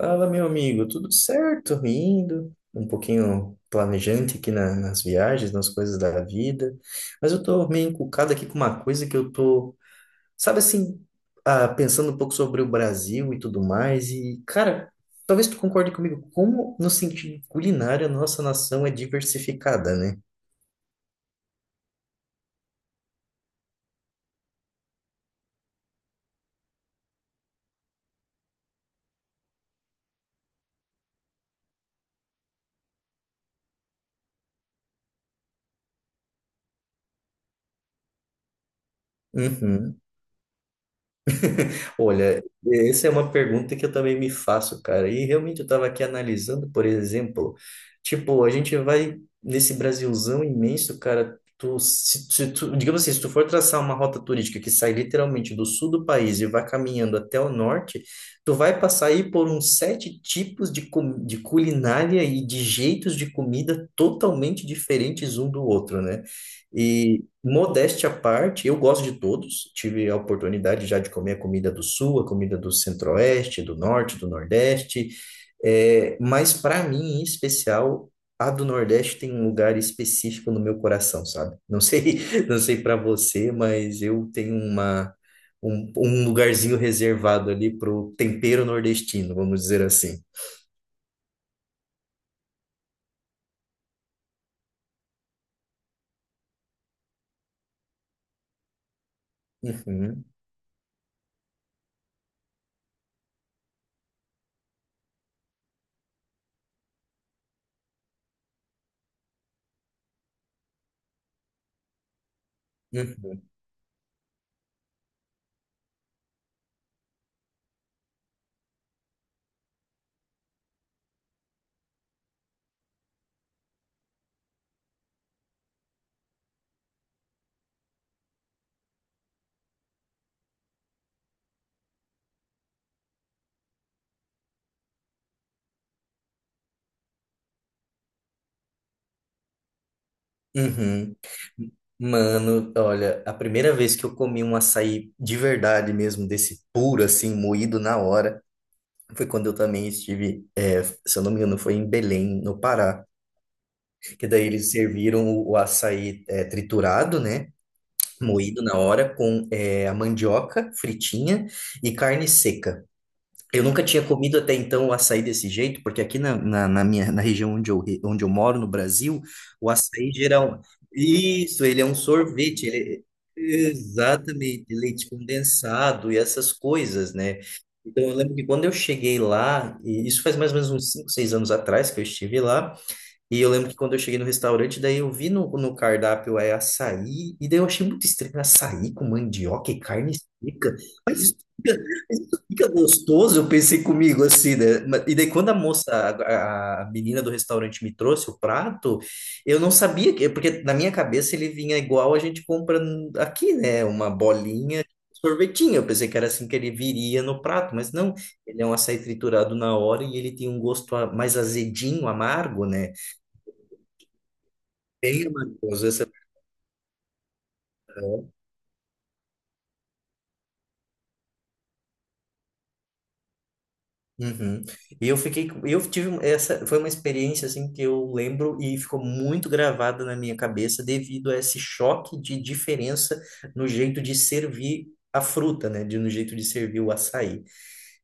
Fala, meu amigo, tudo certo? Indo, um pouquinho planejante aqui nas viagens, nas coisas da vida, mas eu tô meio encucado aqui com uma coisa que eu tô, sabe assim, pensando um pouco sobre o Brasil e tudo mais, e cara, talvez tu concorde comigo, como no sentido culinário a nossa nação é diversificada, né? Uhum. Olha, essa é uma pergunta que eu também me faço, cara. E realmente eu estava aqui analisando, por exemplo, tipo, a gente vai nesse Brasilzão imenso, cara. Tu, se tu, digamos assim, se tu for traçar uma rota turística que sai literalmente do sul do país e vai caminhando até o norte, tu vai passar aí por uns sete tipos de, de culinária e de jeitos de comida totalmente diferentes um do outro, né? E modéstia à parte, eu gosto de todos. Tive a oportunidade já de comer a comida do Sul, a comida do Centro-Oeste, do Norte, do Nordeste. É, mas para mim, em especial, a do Nordeste tem um lugar específico no meu coração, sabe? Não sei, não sei para você, mas eu tenho uma um, um lugarzinho reservado ali pro tempero nordestino, vamos dizer assim. Uhum, uhum. Uhum. Mano, olha, a primeira vez que eu comi um açaí de verdade mesmo, desse puro, assim, moído na hora, foi quando eu também estive, se eu não me engano, foi em Belém, no Pará. Que daí eles serviram o açaí, triturado, né? Moído na hora, com, a mandioca fritinha e carne seca. Eu nunca tinha comido até então o açaí desse jeito, porque aqui na região onde eu, onde eu moro, no Brasil, o açaí geral. Isso, ele é um sorvete. Exatamente, leite condensado e essas coisas, né? Então, eu lembro que quando eu cheguei lá, e isso faz mais ou menos uns 5 6 anos atrás que eu estive lá, e eu lembro que quando eu cheguei no restaurante, daí eu vi no cardápio é açaí, e daí eu achei muito estranho açaí com mandioca e carne seca. Mas isso fica, mas isso fica gostoso, eu pensei comigo assim, né? E daí quando a menina do restaurante me trouxe o prato, eu não sabia, porque na minha cabeça ele vinha igual a gente compra aqui, né? Uma bolinha, sorvetinho. Eu pensei que era assim que ele viria no prato, mas não, ele é um açaí triturado na hora e ele tem um gosto mais azedinho, amargo, né? Bem harmonioso, essa é a palavra. Uhum. E eu fiquei, eu tive um- essa, foi uma experiência assim que eu lembro e ficou muito gravada na minha cabeça devido a esse choque de diferença no jeito de servir a fruta, né, de no jeito de servir o açaí.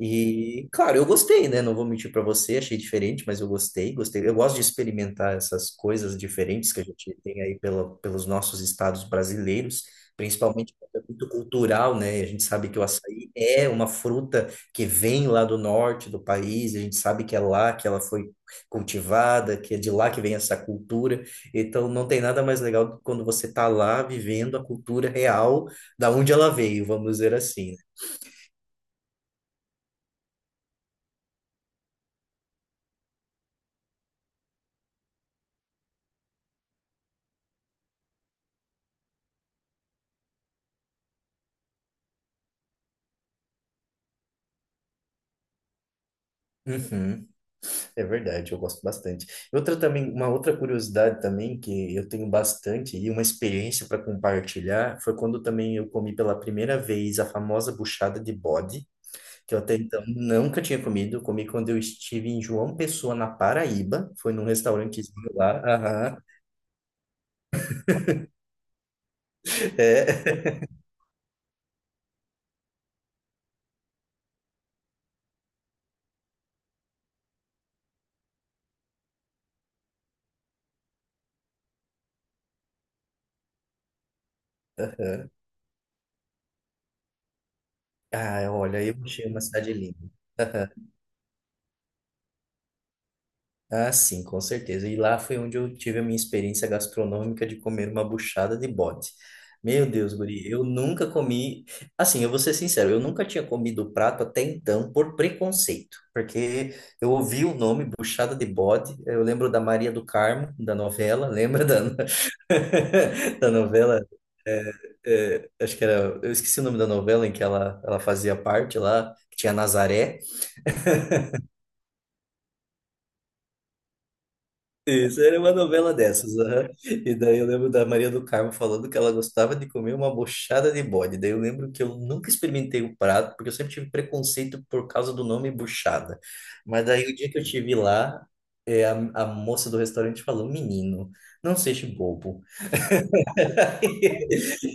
E, claro, eu gostei, né? Não vou mentir para você, achei diferente, mas eu gostei, gostei. Eu gosto de experimentar essas coisas diferentes que a gente tem aí pelos nossos estados brasileiros, principalmente porque é muito cultural, né? A gente sabe que o açaí é uma fruta que vem lá do norte do país, a gente sabe que é lá que ela foi cultivada, que é de lá que vem essa cultura. Então, não tem nada mais legal do que quando você tá lá vivendo a cultura real da onde ela veio, vamos dizer assim, né? Uhum. É verdade, eu gosto bastante. Outra também, uma outra curiosidade também que eu tenho bastante e uma experiência para compartilhar foi quando também eu comi pela primeira vez a famosa buchada de bode, que eu até então nunca tinha comido. Eu comi quando eu estive em João Pessoa, na Paraíba. Foi num restaurantezinho lá. Aham. É. Aham. Ah, olha, eu achei uma cidade linda. Ah, sim, com certeza. E lá foi onde eu tive a minha experiência gastronômica de comer uma buchada de bode. Meu Deus, guri, eu nunca comi. Assim, eu vou ser sincero, eu nunca tinha comido o prato até então por preconceito, porque eu ouvi o nome buchada de bode. Eu lembro da Maria do Carmo, da novela, da novela? É, é, acho que era. Eu esqueci o nome da novela em que ela fazia parte lá, que tinha Nazaré. Isso, era uma novela dessas, aham. E daí eu lembro da Maria do Carmo falando que ela gostava de comer uma bochada de bode. Daí eu lembro que eu nunca experimentei o prato, porque eu sempre tive preconceito por causa do nome buchada. Mas daí o dia que eu estive lá, é, a, a moça do restaurante falou, menino, não seja bobo.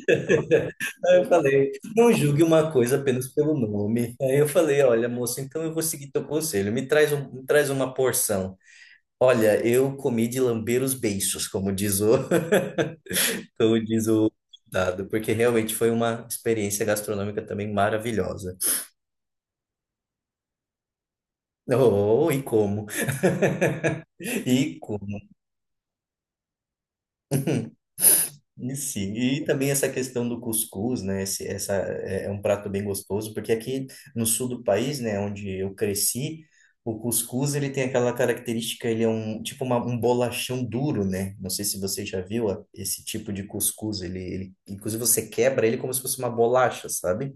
Aí eu falei, não julgue uma coisa apenas pelo nome. Aí eu falei, olha, moça, então eu vou seguir teu conselho. Me traz uma porção. Olha, eu comi de lamber os beiços, como diz o dado, porque realmente foi uma experiência gastronômica também maravilhosa. Oh, e como, e como, e sim. E também essa questão do cuscuz, né? Essa é um prato bem gostoso, porque aqui no sul do país, né, onde eu cresci, o cuscuz ele tem aquela característica, ele é um bolachão duro, né? Não sei se você já viu esse tipo de cuscuz, ele inclusive você quebra ele como se fosse uma bolacha, sabe?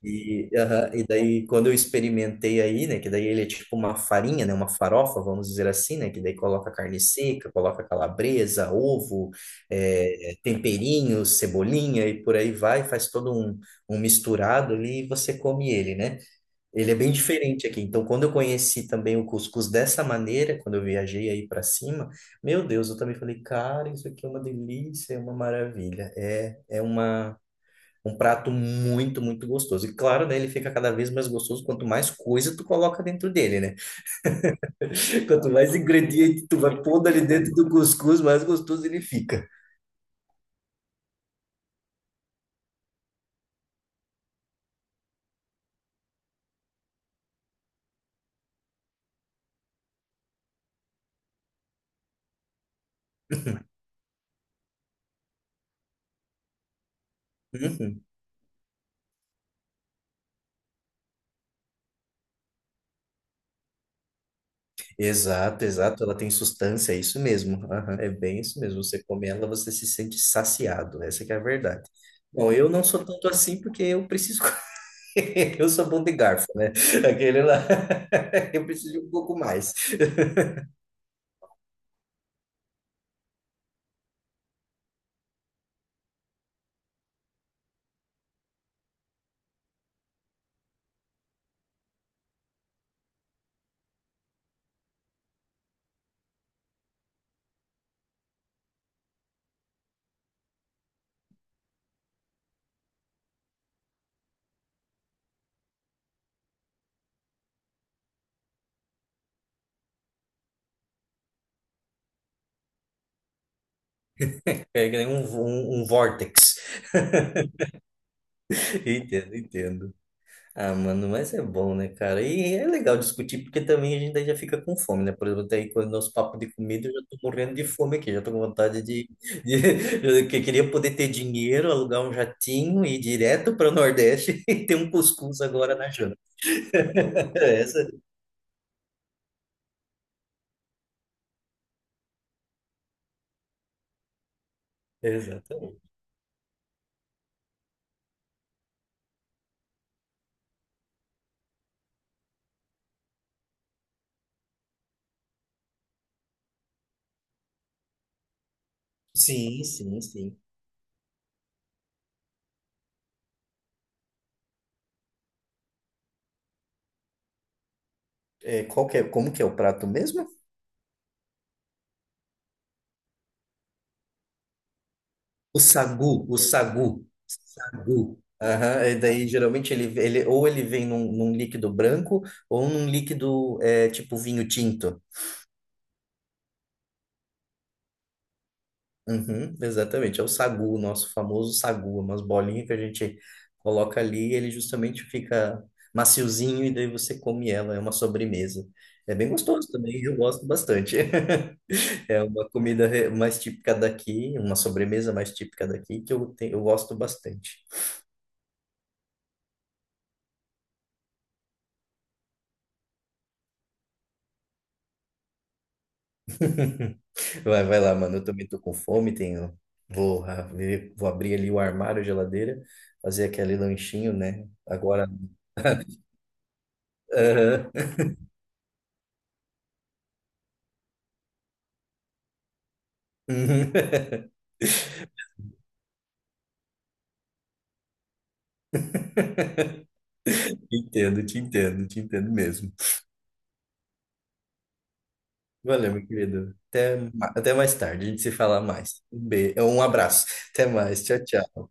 E, aham, e daí, quando eu experimentei aí, né, que daí ele é tipo uma farinha, né, uma farofa, vamos dizer assim, né, que daí coloca carne seca, coloca calabresa, ovo, temperinhos, cebolinha e por aí vai, faz todo um, um misturado ali e você come ele, né? Ele é bem diferente aqui. Então, quando eu conheci também o cuscuz dessa maneira, quando eu viajei aí para cima, meu Deus, eu também falei, cara, isso aqui é uma delícia, é uma maravilha. É, é uma. Um prato muito, muito gostoso. E claro, né, ele fica cada vez mais gostoso quanto mais coisa tu coloca dentro dele, né? Quanto mais ingrediente tu vai pondo ali dentro do cuscuz, mais gostoso ele fica. Uhum. Exato, exato. Ela tem sustância, é isso mesmo. Aham, é bem isso mesmo. Você come ela, você se sente saciado. Essa que é a verdade. Bom, eu não sou tanto assim porque eu preciso comer. Eu sou bom de garfo, né? Aquele lá, eu preciso de um pouco mais. É que nem um vórtex. Entendo, entendo. Ah, mano, mas é bom, né, cara? E é legal discutir, porque também a gente daí já fica com fome, né? Por exemplo, até aí quando nosso papo de comida, eu já tô morrendo de fome aqui, já tô com vontade de... que eu queria poder ter dinheiro, alugar um jatinho e ir direto para o Nordeste e ter um cuscuz agora na janta. Essa... Exatamente. Sim, sim, sim. É, qual que é... Como que é o prato mesmo? O sagu, sagu. Aham, e daí geralmente ele vem num líquido branco ou num líquido tipo vinho tinto. Uhum, exatamente, é o sagu, o nosso famoso sagu, umas bolinhas que a gente coloca ali e ele justamente fica maciozinho e daí você come ela, é uma sobremesa. É bem gostoso também, eu gosto bastante. É uma comida mais típica daqui, uma sobremesa mais típica daqui que eu gosto bastante. Vai, vai lá, mano. Eu também tô com fome, tenho. Vou abrir ali o armário, a geladeira, fazer aquele lanchinho, né? Agora. Aham. Entendo, te entendo, te entendo mesmo. Valeu, meu querido. Até, até mais tarde, a gente se fala mais. Um beijo, um abraço. Até mais. Tchau, tchau.